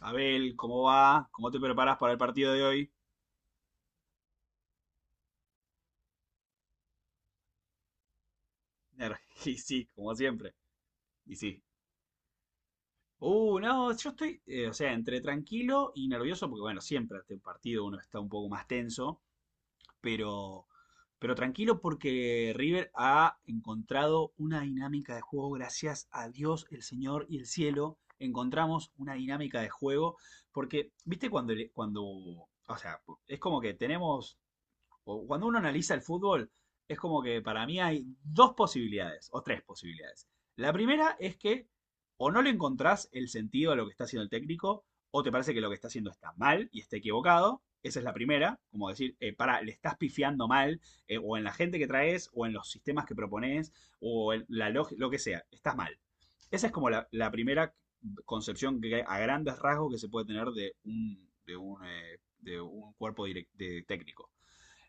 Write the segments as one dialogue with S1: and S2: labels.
S1: Abel, ¿cómo va? ¿Cómo te preparas para el partido de hoy? Y sí, como siempre. Y sí. No, yo estoy, o sea, entre tranquilo y nervioso, porque bueno, siempre ante un partido uno está un poco más tenso, pero, pero tranquilo porque River ha encontrado una dinámica de juego, gracias a Dios, el Señor y el cielo, encontramos una dinámica de juego, porque, viste, cuando, o sea, es como que tenemos o cuando uno analiza el fútbol, es como que para mí hay dos posibilidades, o tres posibilidades. La primera es que o no le encontrás el sentido a lo que está haciendo el técnico, o te parece que lo que está haciendo está mal y está equivocado. Esa es la primera, como decir, para, le estás pifiando mal, o en la gente que traes, o en los sistemas que propones, o en la lógica, lo que sea, estás mal. Esa es como la primera concepción que a grandes rasgos que se puede tener de un cuerpo de técnico.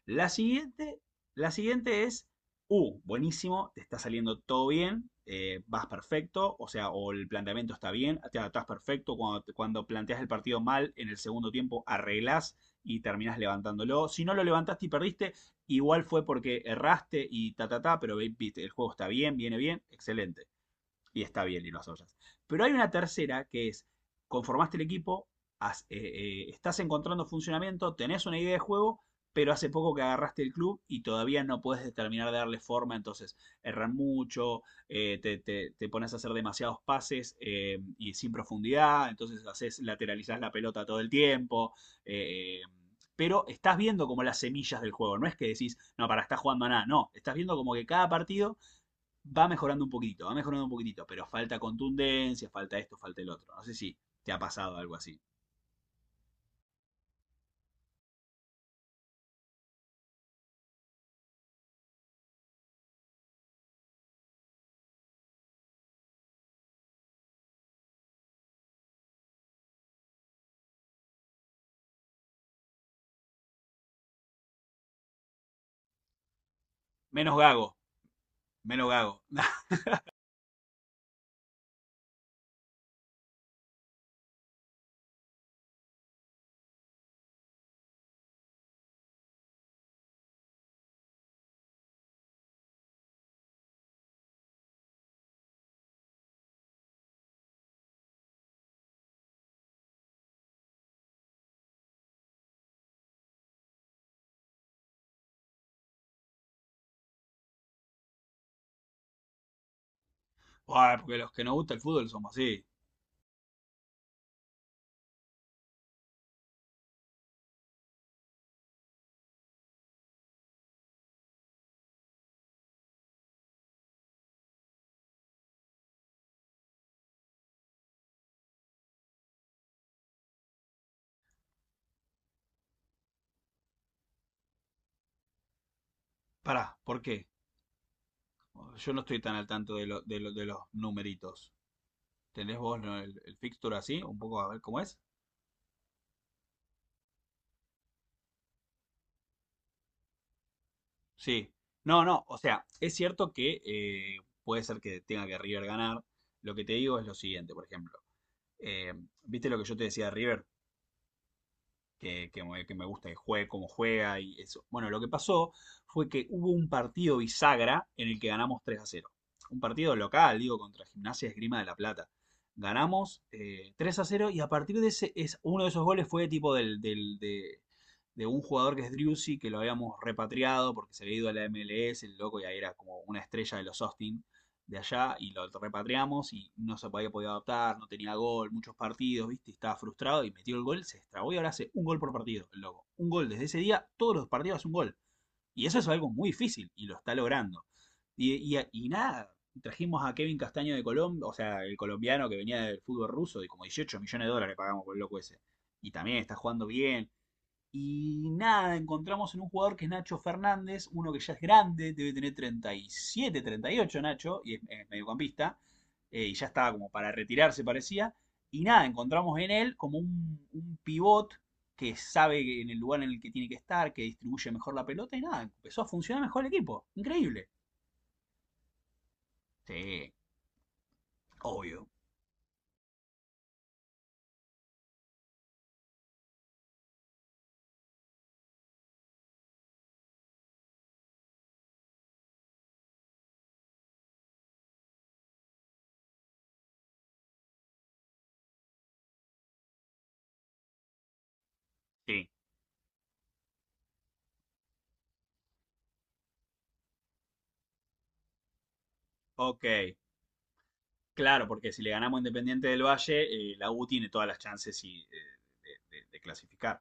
S1: La siguiente, la siguiente es, buenísimo, te está saliendo todo bien, vas perfecto, o sea, o el planteamiento está bien, te adaptás perfecto, cuando planteas el partido mal, en el segundo tiempo arreglás y terminás levantándolo. Si no lo levantaste y perdiste, igual fue porque erraste y ta, ta, ta, pero viste, el juego está bien, viene bien, excelente. Y está bien, y lo asoyas. Pero hay una tercera que es, conformaste el equipo, estás encontrando funcionamiento, tenés una idea de juego, pero hace poco que agarraste el club y todavía no puedes determinar de darle forma, entonces erran mucho, te pones a hacer demasiados pases y sin profundidad, entonces haces, lateralizás la pelota todo el tiempo, eh, pero estás viendo como las semillas del juego, no es que decís, no, para, está jugando a nada, no, estás viendo como que cada partido va mejorando un poquitito, va mejorando un poquitito, pero falta contundencia, falta esto, falta el otro. No sé si te ha pasado algo así. Menos gago, menos gago. Ay, porque los que nos gusta el fútbol somos así. Pará, ¿por qué? Yo no estoy tan al tanto de, de los numeritos. ¿Tenés vos ¿no? el fixture así? Un poco a ver cómo es. Sí. No, no, o sea, es cierto que puede ser que tenga que River ganar. Lo que te digo es lo siguiente, por ejemplo. Eh, ¿Viste lo que yo te decía de River? Que me gusta que juegue, cómo juega y eso. Bueno, lo que pasó fue que hubo un partido bisagra en el que ganamos 3-0. Un partido local, digo, contra Gimnasia Esgrima de La Plata. Ganamos 3 a cero y a partir de ese, es, uno de esos goles fue tipo de un jugador que es Driussi, que lo habíamos repatriado porque se había ido a la MLS, el loco, y ahí era como una estrella de los Austin de allá y lo repatriamos y no se había podido adaptar, no tenía gol, muchos partidos, ¿viste? Estaba frustrado y metió el gol, se extrabó y ahora hace un gol por partido, el loco. Un gol desde ese día, todos los partidos hace un gol. Y eso es algo muy difícil y lo está logrando. Y nada, trajimos a Kevin Castaño de Colombia, o sea, el colombiano que venía del fútbol ruso, de como 18 millones de dólares pagamos por el loco ese. Y también está jugando bien, y nada, encontramos en un jugador que es Nacho Fernández, uno que ya es grande, debe tener 30, 37, 38 Nacho, y es mediocampista, y ya estaba como para retirarse parecía. Y nada, encontramos en él como un pivot que sabe que en el lugar en el que tiene que estar, que distribuye mejor la pelota y nada, empezó a funcionar mejor el equipo. Increíble. Sí, obvio. Sí, ok. Claro, porque si le ganamos Independiente del Valle, la U tiene todas las chances y, de clasificar.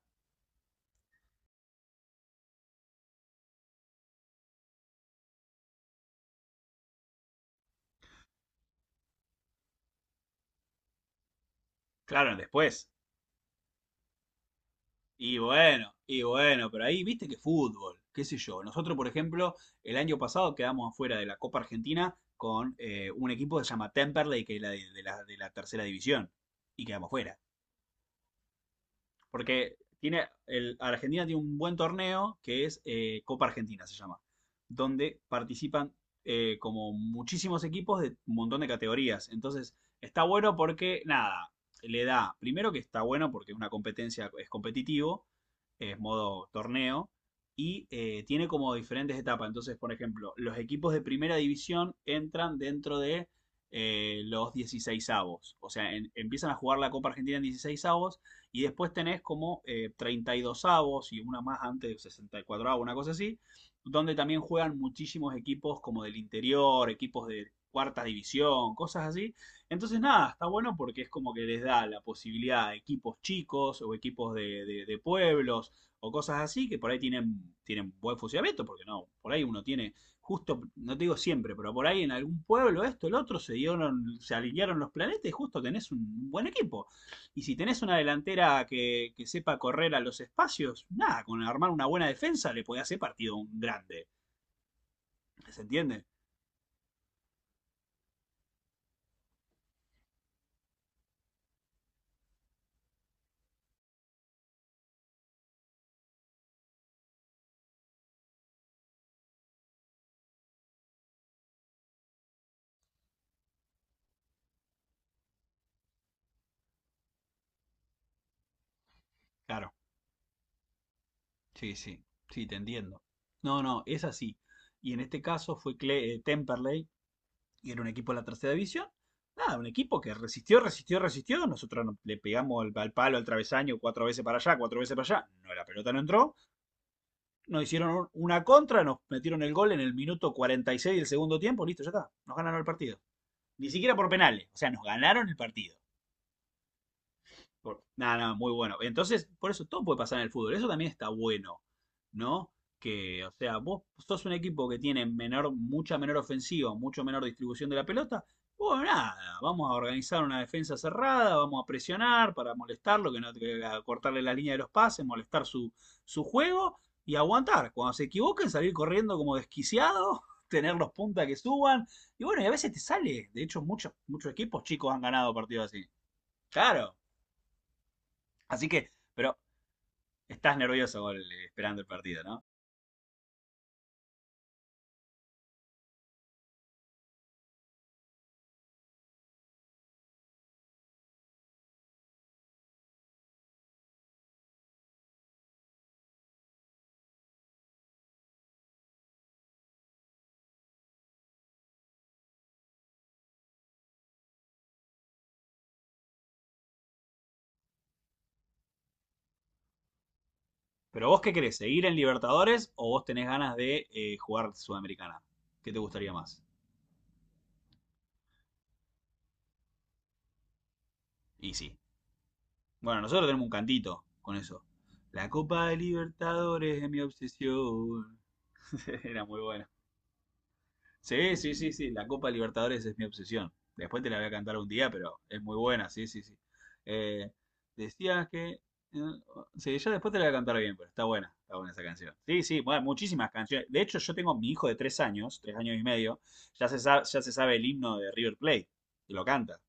S1: Claro, después. Y bueno, pero ahí viste que fútbol, qué sé yo. Nosotros, por ejemplo, el año pasado quedamos afuera de la Copa Argentina con un equipo que se llama Temperley, que es la de, de la tercera división, y quedamos fuera. Porque tiene el, Argentina tiene un buen torneo que es Copa Argentina, se llama, donde participan como muchísimos equipos de un montón de categorías. Entonces, está bueno porque, nada, le da, primero que está bueno porque es una competencia, es competitivo, es modo torneo, y tiene como diferentes etapas. Entonces, por ejemplo, los equipos de primera división entran dentro de los 16. O sea, empiezan a jugar la Copa Argentina en 16 y después tenés como 32-avos y una más antes, de 64-avos, una cosa así, donde también juegan muchísimos equipos como del interior, equipos de cuarta división, cosas así. Entonces, nada, está bueno porque es como que les da la posibilidad a equipos chicos o equipos de pueblos o cosas así que por ahí tienen, tienen buen funcionamiento, porque no, por ahí uno tiene, justo, no te digo siempre, pero por ahí en algún pueblo esto, el otro, se dieron, se alinearon los planetas y justo tenés un buen equipo. Y si tenés una delantera que sepa correr a los espacios, nada, con armar una buena defensa le podés hacer partido un grande. ¿Se entiende? Claro. Sí, sí, sí, te entiendo. No, no, es así. Y en este caso fue Temperley, y era un equipo de la tercera división. Nada, un equipo que resistió, resistió, resistió. Nosotros le pegamos al palo, al travesaño, cuatro veces para allá, cuatro veces para allá. No, la pelota no entró. Nos hicieron una contra, nos metieron el gol en el minuto 46 del segundo tiempo. Listo, ya está. Nos ganaron el partido. Ni siquiera por penales. O sea, nos ganaron el partido. Nada, nada, muy bueno. Entonces, por eso todo puede pasar en el fútbol. Eso también está bueno, ¿no? Que, o sea, vos sos un equipo que tiene menor, mucha menor ofensiva, mucho menor distribución de la pelota. Bueno, nada, vamos a organizar una defensa cerrada, vamos a presionar para molestarlo, que no a cortarle la línea de los pases, molestar su juego y aguantar. Cuando se equivoquen, salir corriendo como desquiciado, tener los puntas que suban. Y bueno, y a veces te sale. De hecho, muchos, muchos equipos chicos han ganado partidos así. Claro. Así que, pero estás nervioso con esperando el partido, ¿no? Pero vos qué querés, ¿seguir en Libertadores o vos tenés ganas de jugar Sudamericana? ¿Qué te gustaría más? Y sí. Bueno, nosotros tenemos un cantito con eso. La Copa de Libertadores es mi obsesión. Era muy bueno. Sí, sí, sí, sí. La Copa Libertadores es mi obsesión. Después te la voy a cantar un día, pero es muy buena, sí, sí, sí. Eh, decías que. eh, Sí, ya después te la voy a cantar bien, pero está buena esa canción. Sí, sí, bueno, muchísimas canciones. De hecho, yo tengo mi hijo de tres años y medio, ya se sabe el himno de River Plate, y lo canta.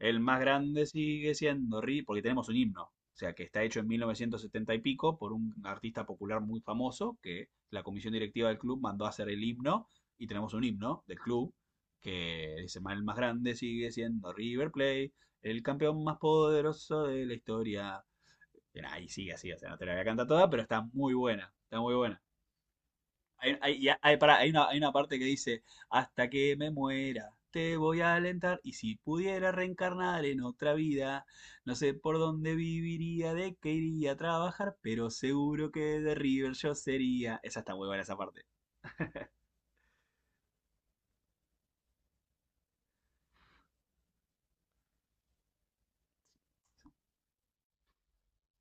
S1: El más grande sigue siendo Ri, porque tenemos un himno, o sea, que está hecho en 1970 y pico por un artista popular muy famoso que la comisión directiva del club mandó a hacer el himno y tenemos un himno del club que dice, el más grande sigue siendo River Plate, el campeón más poderoso de la historia. Y nada, y sigue así, o sea, no te la voy a cantar toda, pero está muy buena, está muy buena. Pará, hay una parte que dice, hasta que me muera, te voy a alentar y si pudiera reencarnar en otra vida, no sé por dónde viviría, de qué iría a trabajar, pero seguro que de River yo sería. Esa está muy buena esa parte.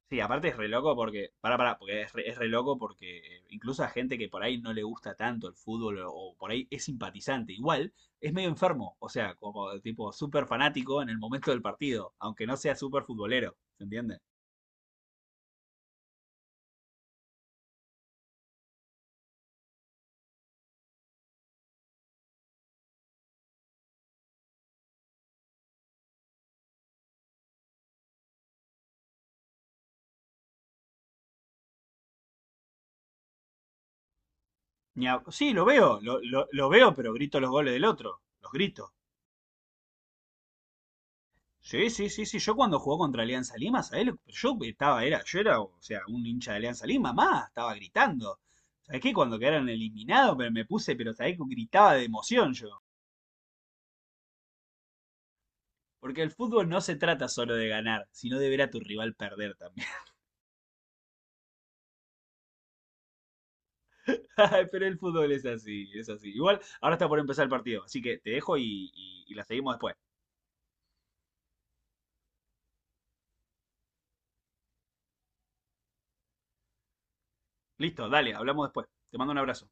S1: Sí, aparte es re loco porque, pará, pará, porque es re loco porque incluso a gente que por ahí no le gusta tanto el fútbol o por ahí es simpatizante, igual es medio enfermo, o sea, como tipo súper fanático en el momento del partido, aunque no sea súper futbolero, ¿se entiende? Ni a- Sí, lo veo, lo veo, pero grito los goles del otro, los grito. Sí, sí, sí, sí. Yo cuando jugó contra Alianza Lima, ¿sabés? Yo estaba, era, yo era, o sea, un hincha de Alianza Lima, más, estaba gritando. ¿Sabés qué? Cuando quedaron eliminados, pero me puse, pero ¿sabés que gritaba de emoción yo? Porque el fútbol no se trata solo de ganar, sino de ver a tu rival perder también. Pero el fútbol es así, es así. Igual, ahora está por empezar el partido, así que te dejo y la seguimos después. Listo, dale, hablamos después. Te mando un abrazo.